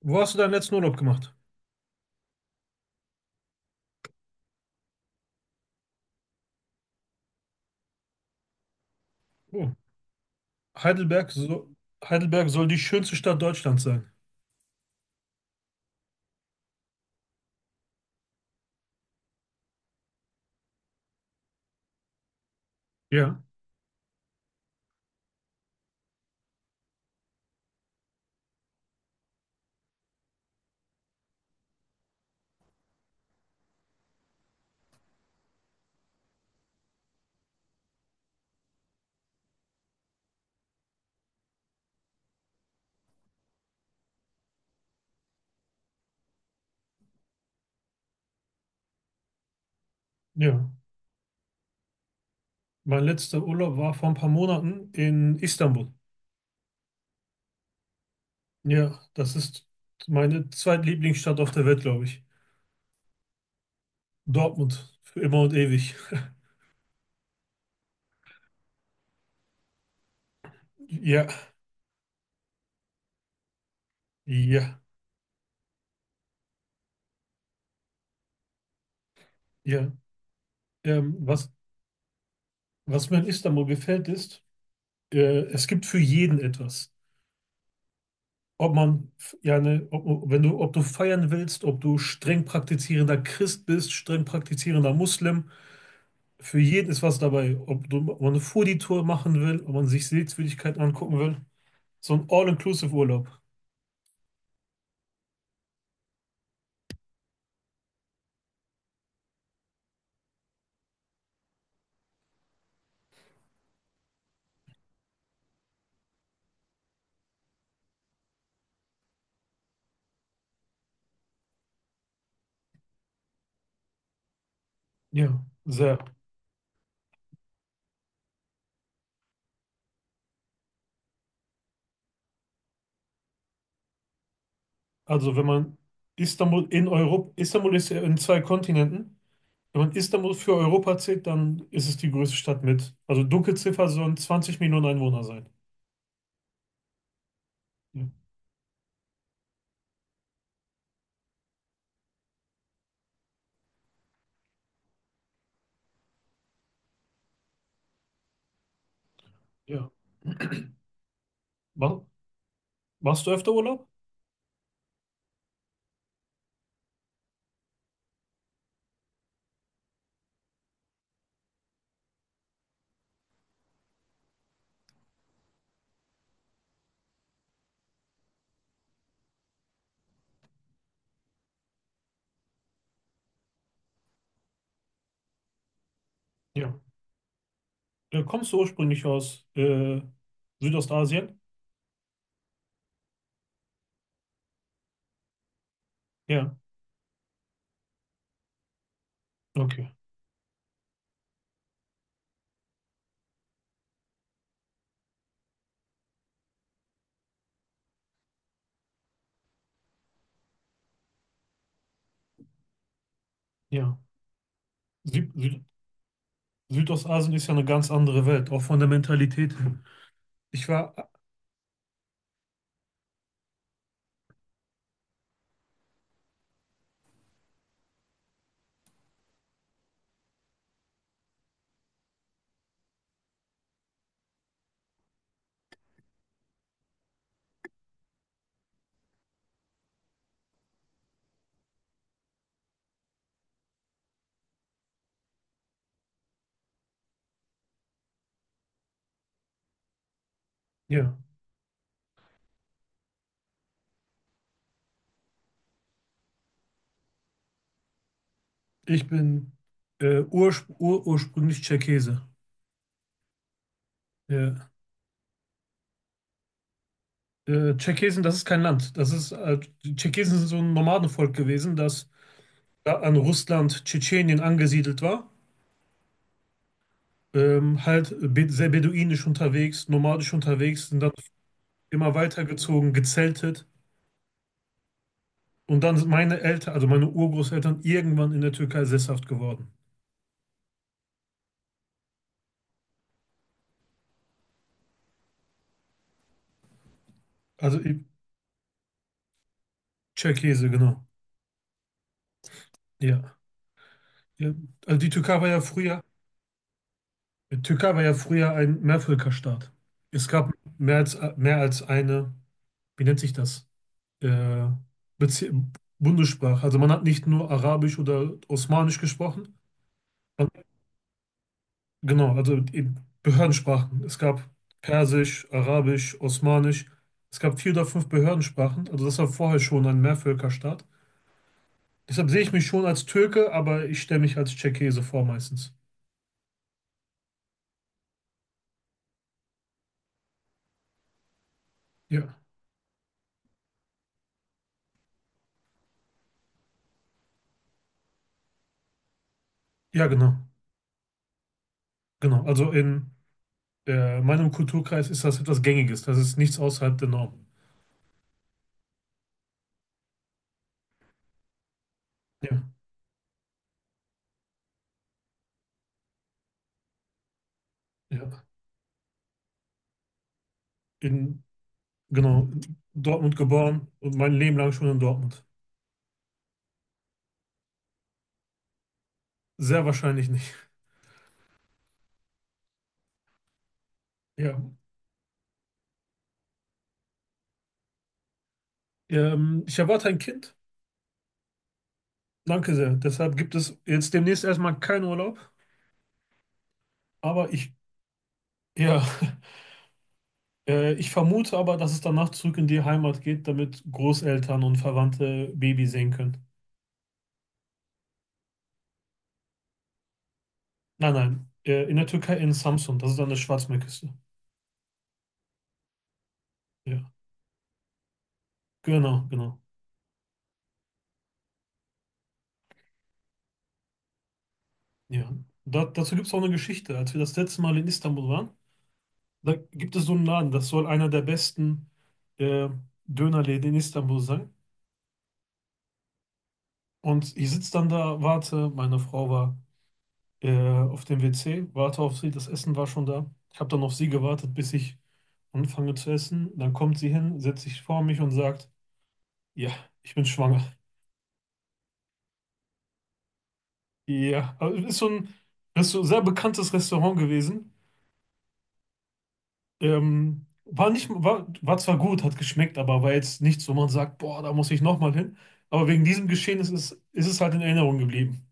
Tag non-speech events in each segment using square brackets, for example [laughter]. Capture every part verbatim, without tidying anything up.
Wo hast du deinen letzten Urlaub gemacht? Oh, Heidelberg, so, Heidelberg soll die schönste Stadt Deutschlands sein. Ja, ja. Mein letzter Urlaub war vor ein paar Monaten in Istanbul. Ja, das ist meine zweitlieblingsstadt auf der Welt, glaube ich. Dortmund, für immer und ewig. Ja, ja, ja. Ähm, was, was mir in Istanbul gefällt, ist, äh, es gibt für jeden etwas. Ob man, f- ja, ne, ob, Wenn du, ob du feiern willst, ob du streng praktizierender Christ bist, streng praktizierender Muslim, für jeden ist was dabei. Ob du, ob man eine Foodie-Tour machen will, ob man sich Sehenswürdigkeiten angucken will. So ein All-Inclusive-Urlaub. Ja, sehr. Also wenn man Istanbul in Europa, Istanbul ist ja in zwei Kontinenten. Wenn man Istanbul für Europa zählt, dann ist es die größte Stadt mit. Also Dunkelziffer sollen zwanzig Millionen Einwohner sein. Ja. Ja. Ma- Machst du öfter Urlaub? Ja. Äh, Kommst du ursprünglich aus äh, Südostasien? Ja. Okay. Ja. Süd, Süd, Südostasien ist ja eine ganz andere Welt, auch von der Mentalität her. Ich war, ja, ich bin äh, urspr ur ursprünglich Tscherkesse. Ja. Äh, Tscherkesen, das ist kein Land. Das ist, äh, die Tscherkesen sind so ein Nomadenvolk gewesen, das da an Russland, Tschetschenien angesiedelt war. Ähm, halt be sehr beduinisch unterwegs, nomadisch unterwegs, sind dann immer weitergezogen, gezeltet. Und dann sind meine Eltern, also meine Urgroßeltern, irgendwann in der Türkei sesshaft geworden. Also äh, Tscherkesse, genau. Ja. Ja, also die Türkei war ja früher, die Türkei war ja früher ein Mehrvölkerstaat. Es gab mehr als, mehr als eine, wie nennt sich das? Äh, Bezie- Bundessprache. Also man hat nicht nur Arabisch oder Osmanisch gesprochen. Man, genau, also eben Behördensprachen. Es gab Persisch, Arabisch, Osmanisch. Es gab vier oder fünf Behördensprachen. Also das war vorher schon ein Mehrvölkerstaat. Deshalb sehe ich mich schon als Türke, aber ich stelle mich als Tscherkesse vor meistens. Ja, ja, genau. Genau, also in äh, in meinem Kulturkreis ist das etwas Gängiges. Das ist nichts außerhalb der Norm. Ja, ja. In, genau, in Dortmund geboren und mein Leben lang schon in Dortmund. Sehr wahrscheinlich nicht. Ja. Ähm, ich erwarte ein Kind. Danke sehr. Deshalb gibt es jetzt demnächst erstmal keinen Urlaub. Aber ich, ja, [laughs] äh, ich vermute aber, dass es danach zurück in die Heimat geht, damit Großeltern und Verwandte Baby sehen können. Nein, nein. Äh, in der Türkei in Samsun. Das ist an der Schwarzmeerküste. Ja. Genau, genau. Ja, da, dazu gibt es auch eine Geschichte. Als wir das letzte Mal in Istanbul waren, da gibt es so einen Laden, das soll einer der besten äh, Dönerläden in Istanbul sein. Und ich sitze dann da, warte, meine Frau war äh, auf dem W C, warte auf sie, das Essen war schon da. Ich habe dann auf sie gewartet, bis ich anfange zu essen. Dann kommt sie hin, setzt sich vor mich und sagt, ja, ich bin schwanger. Ja, also ist so ein, ist so ein sehr bekanntes Restaurant gewesen. Ähm, war nicht, war, war zwar gut, hat geschmeckt, aber war jetzt nichts, wo man sagt, boah, da muss ich nochmal hin. Aber wegen diesem Geschehen ist es, ist es halt in Erinnerung geblieben.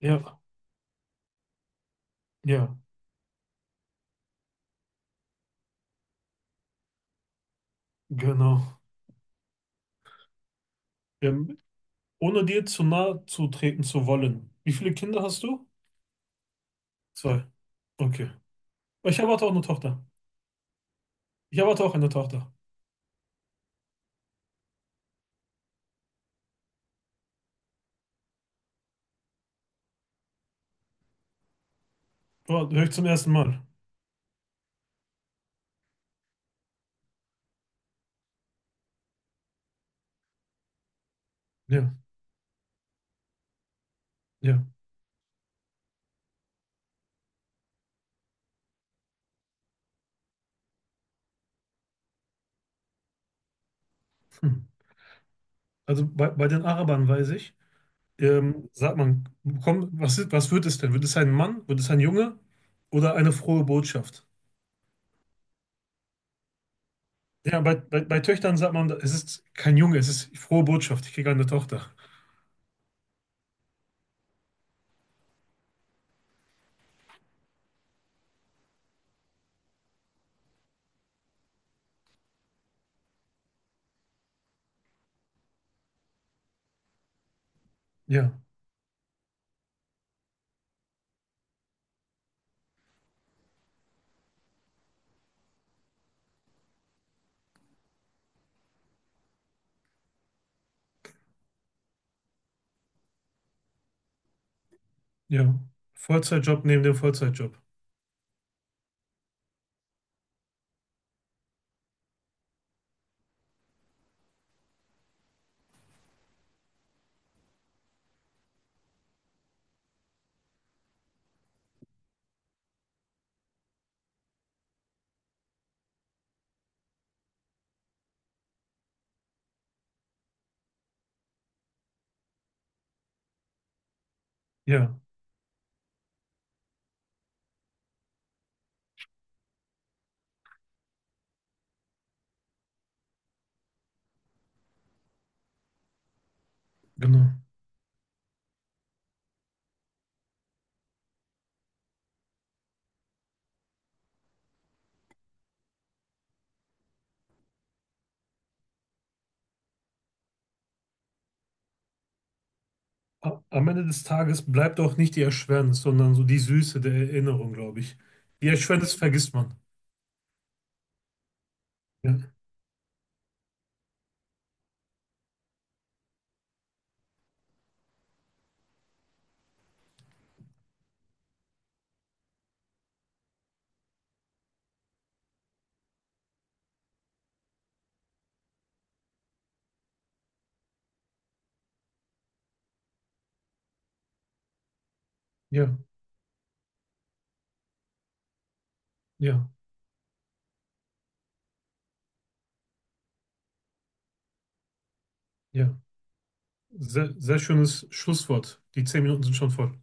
Ja, ja, genau. Ähm, ohne dir zu nahe zu treten zu wollen. Wie viele Kinder hast du? Zwei. Okay. Ich erwarte auch eine Tochter. Ich erwarte auch eine Tochter. Boah, höre ich zum ersten Mal. Ja, ja. Hm. Also bei, bei den Arabern weiß ich, ähm, sagt man, komm, was ist, was wird es denn? Wird es ein Mann? Wird es ein Junge? Oder eine frohe Botschaft? Ja, bei, bei, bei Töchtern sagt man, es ist kein Junge, es ist frohe Botschaft, ich kriege eine Tochter. Ja, ja. Vollzeitjob neben dem Vollzeitjob. Ja, genau. A- Am Ende des Tages bleibt auch nicht die Erschwernis, sondern so die Süße der Erinnerung, glaube ich. Die Erschwernis vergisst man. Ja, ja, ja, ja. Sehr, sehr schönes Schlusswort. Die zehn Minuten sind schon voll.